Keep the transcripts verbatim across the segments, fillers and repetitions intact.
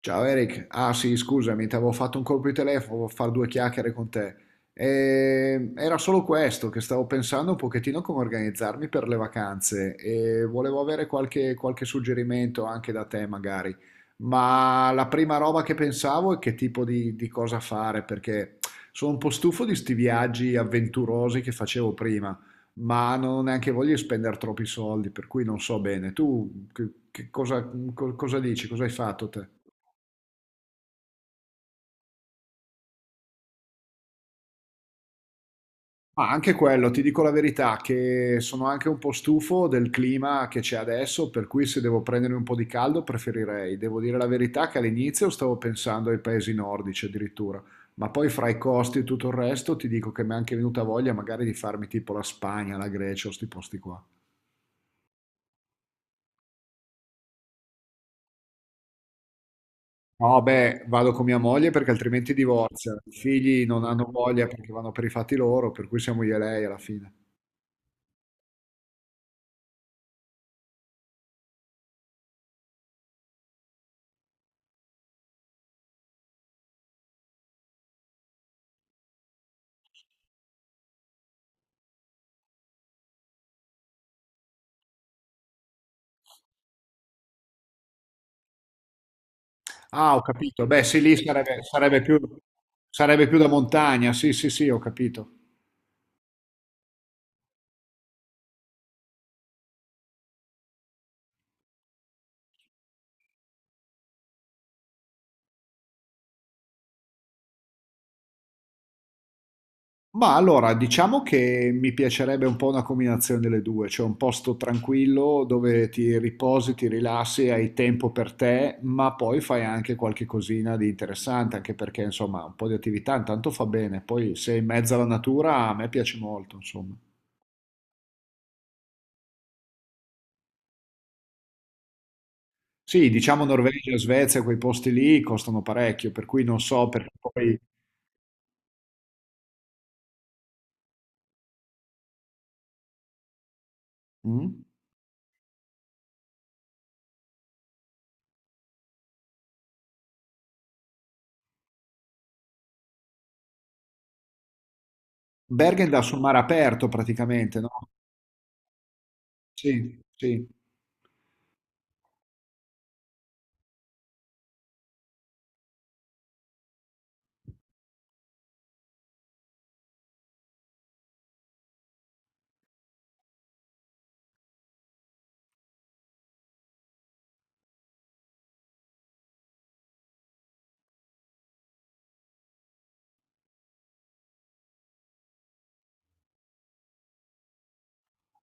Ciao Eric, ah sì, scusami, ti avevo fatto un colpo di telefono per fare due chiacchiere con te. E era solo questo, che stavo pensando un pochettino come organizzarmi per le vacanze e volevo avere qualche, qualche suggerimento anche da te magari. Ma la prima roba che pensavo è che tipo di, di cosa fare, perché sono un po' stufo di sti viaggi avventurosi che facevo prima, ma non ho neanche voglia di spendere troppi soldi, per cui non so bene. Tu che- che cosa, co- cosa dici? Cosa hai fatto te? Ma anche quello, ti dico la verità, che sono anche un po' stufo del clima che c'è adesso, per cui se devo prendermi un po' di caldo preferirei. Devo dire la verità che all'inizio stavo pensando ai paesi nordici addirittura, ma poi fra i costi e tutto il resto ti dico che mi è anche venuta voglia magari di farmi tipo la Spagna, la Grecia o sti posti qua. No, beh, vado con mia moglie perché altrimenti divorzia. I figli non hanno voglia perché vanno per i fatti loro, per cui siamo io e lei alla fine. Ah, ho capito. Beh, sì, lì sarebbe, sarebbe più, sarebbe più da montagna. Sì, sì, sì, ho capito. Ma allora, diciamo che mi piacerebbe un po' una combinazione delle due, cioè un posto tranquillo dove ti riposi, ti rilassi, hai tempo per te, ma poi fai anche qualche cosina di interessante, anche perché insomma un po' di attività intanto fa bene, poi sei in mezzo alla natura, a me piace molto, insomma. Sì, diciamo Norvegia, Svezia, quei posti lì costano parecchio, per cui non so perché poi... Mm? Bergen dà sul mare aperto praticamente, no? Sì, sì.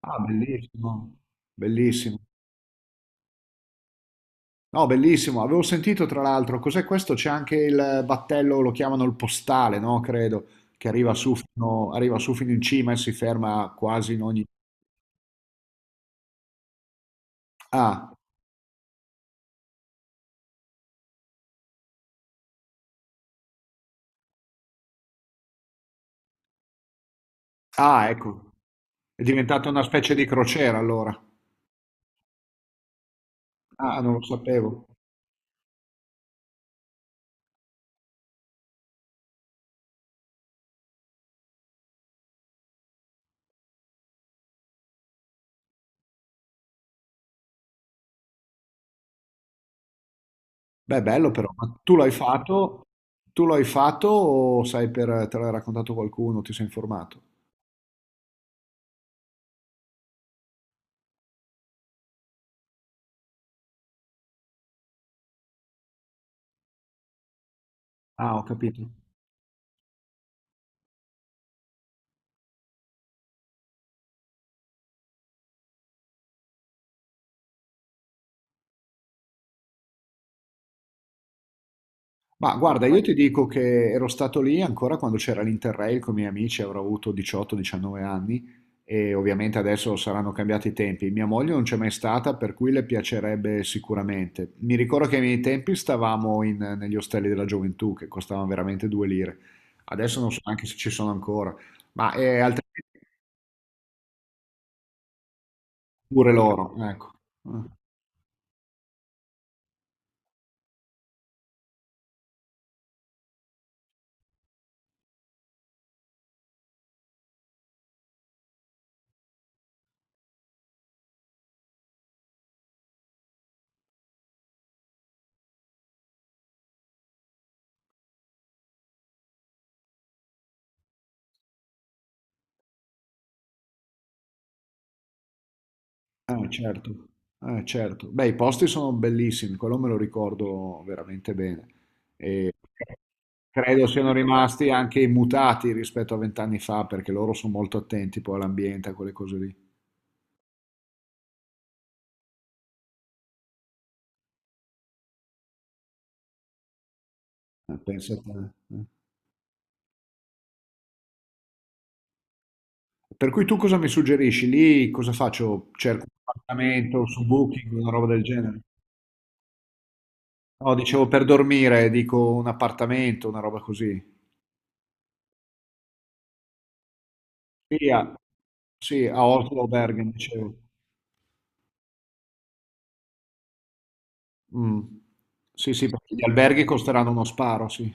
Ah, bellissimo, bellissimo. No, bellissimo. Avevo sentito tra l'altro, cos'è questo? C'è anche il battello, lo chiamano il postale, no? Credo, che arriva su fino, arriva su fino in cima e si ferma quasi in ogni... Ah, ah, ecco. È diventata una specie di crociera allora. Ah, non lo sapevo. Beh, bello però. Ma tu l'hai fatto? Tu l'hai fatto o sai per... te l'ha raccontato qualcuno? Ti sei informato? Ah, ho capito. Ma guarda, io Ma- ti dico che ero stato lì ancora quando c'era l'Interrail con i miei amici, avrò avuto diciotto diciannove anni e ovviamente adesso saranno cambiati i tempi. Mia moglie non c'è mai stata, per cui le piacerebbe sicuramente. Mi ricordo che ai miei tempi stavamo in- negli ostelli della gioventù che costavano veramente due lire. Adesso non so neanche se ci sono ancora, ma è altrimenti pure loro, ecco. Ah, certo, ah, certo. Beh, i posti sono bellissimi, quello me lo ricordo veramente bene. E credo siano rimasti anche immutati rispetto a vent'anni fa, perché loro sono molto attenti poi all'ambiente, a quelle cose lì. Eh, pensa te, eh. Per cui tu cosa mi suggerisci? Lì cosa faccio? Cerco un appartamento su Booking, una roba del genere? No, dicevo per dormire, dico un appartamento, una roba così. Sì, a, sì, a Oslo, o Bergen, dicevo. Mh. Sì, sì, perché gli alberghi costeranno uno sparo, sì.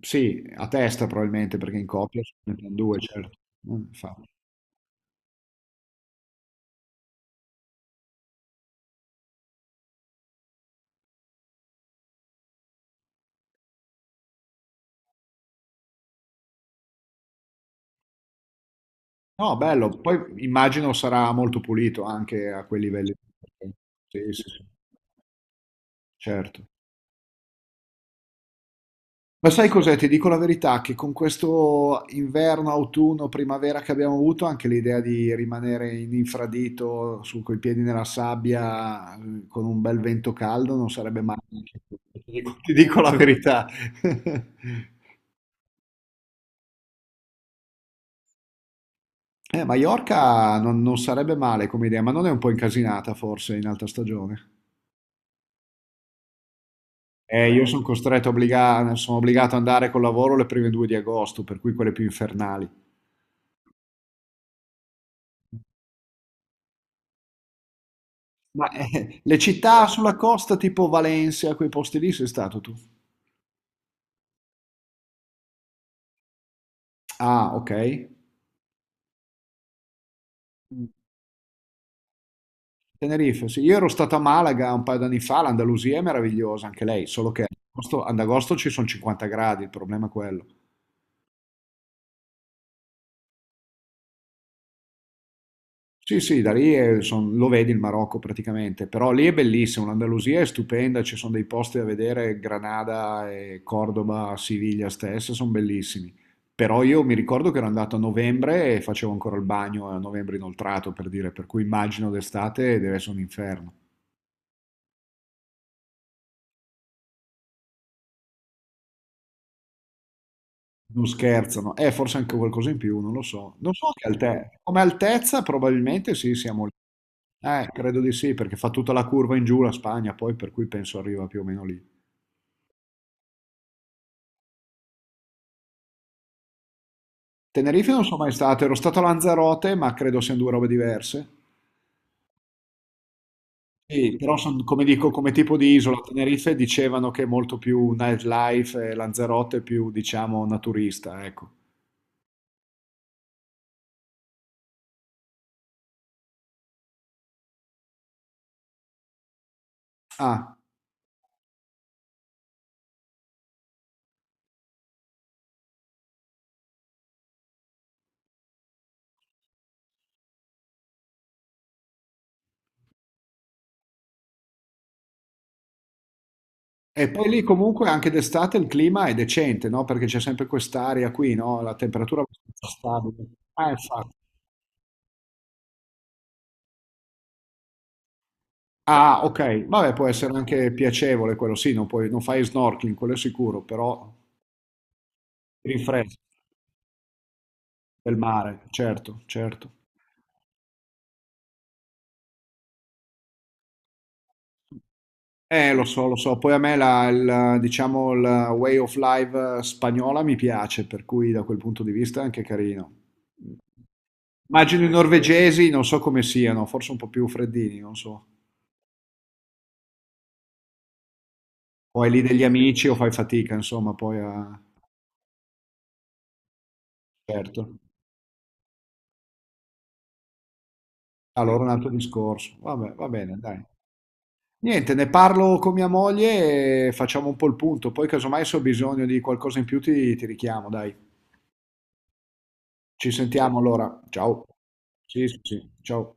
Sì, a testa probabilmente, perché in coppia se ne pren due, certo. Mh, infatti. No, bello, poi immagino sarà molto pulito anche a quei livelli. Sì, sì, sì, certo. Ma sai cos'è? Ti dico la verità, che con questo inverno, autunno, primavera che abbiamo avuto, anche l'idea di rimanere in infradito, su coi piedi nella sabbia, eh, con un bel vento caldo, non sarebbe male. Ti dico ti dico la verità. Eh, Maiorca non, non sarebbe male come idea, ma non è un po' incasinata forse in alta stagione? Eh, io sono costretto, obbliga- sono obbligato ad andare col lavoro le prime due di agosto, per cui quelle più infernali. Ma, eh, le città sulla costa tipo Valencia, quei posti lì sei stato tu? Ah, ok. Mm, Tenerife, sì. Io ero stato a Malaga un paio d'anni fa, l'Andalusia è meravigliosa anche lei, solo che ad agosto, ad agosto ci sono cinquanta gradi, il problema è quello. Sì, sì, da lì è- son- lo vedi il Marocco praticamente, però lì è bellissimo, l'Andalusia è stupenda, ci sono dei posti da vedere, Granada e Cordoba, Siviglia stessa, sono bellissimi. Però io mi ricordo che ero andato a novembre e facevo ancora il bagno a novembre inoltrato, per dire, per cui immagino d'estate deve essere un inferno. Non scherzano, eh, forse anche qualcosa in più, non lo so. Non so che altezza, come altezza probabilmente sì, siamo lì. Eh, credo di sì, perché fa tutta la curva in giù la Spagna, poi per cui penso arriva più o meno lì. Tenerife non sono mai stato, ero stato a Lanzarote, ma credo siano due robe diverse. Sì, però son- come dico, come tipo di isola, Tenerife dicevano che è molto più nightlife e Lanzarote più, diciamo, naturista, ecco. Ah, e poi lì comunque anche d'estate il clima è decente, no? Perché c'è sempre quest'aria qui, no? La temperatura è abbastanza stabile. Ah, infatti. Ah, ok. Vabbè, può essere anche piacevole quello, sì, non puoi- non fai snorkeling, quello è sicuro, però ti rinfresca del mare, certo, certo. Eh, lo so, lo so. Poi a me la, il, diciamo, la way of life eh, spagnola mi piace, per cui da quel punto di vista è anche carino. Immagino i norvegesi, non so come siano, forse un po' più freddini, non so. O hai lì degli amici o fai fatica, insomma, poi a... Certo. Allora un altro discorso. Vabbè, va bene, dai. Niente, ne parlo con mia moglie e facciamo un po' il punto. Poi casomai se ho bisogno di qualcosa in più ti, ti richiamo, dai. Ci sentiamo allora. Ciao. Sì, sì, sì. Ciao.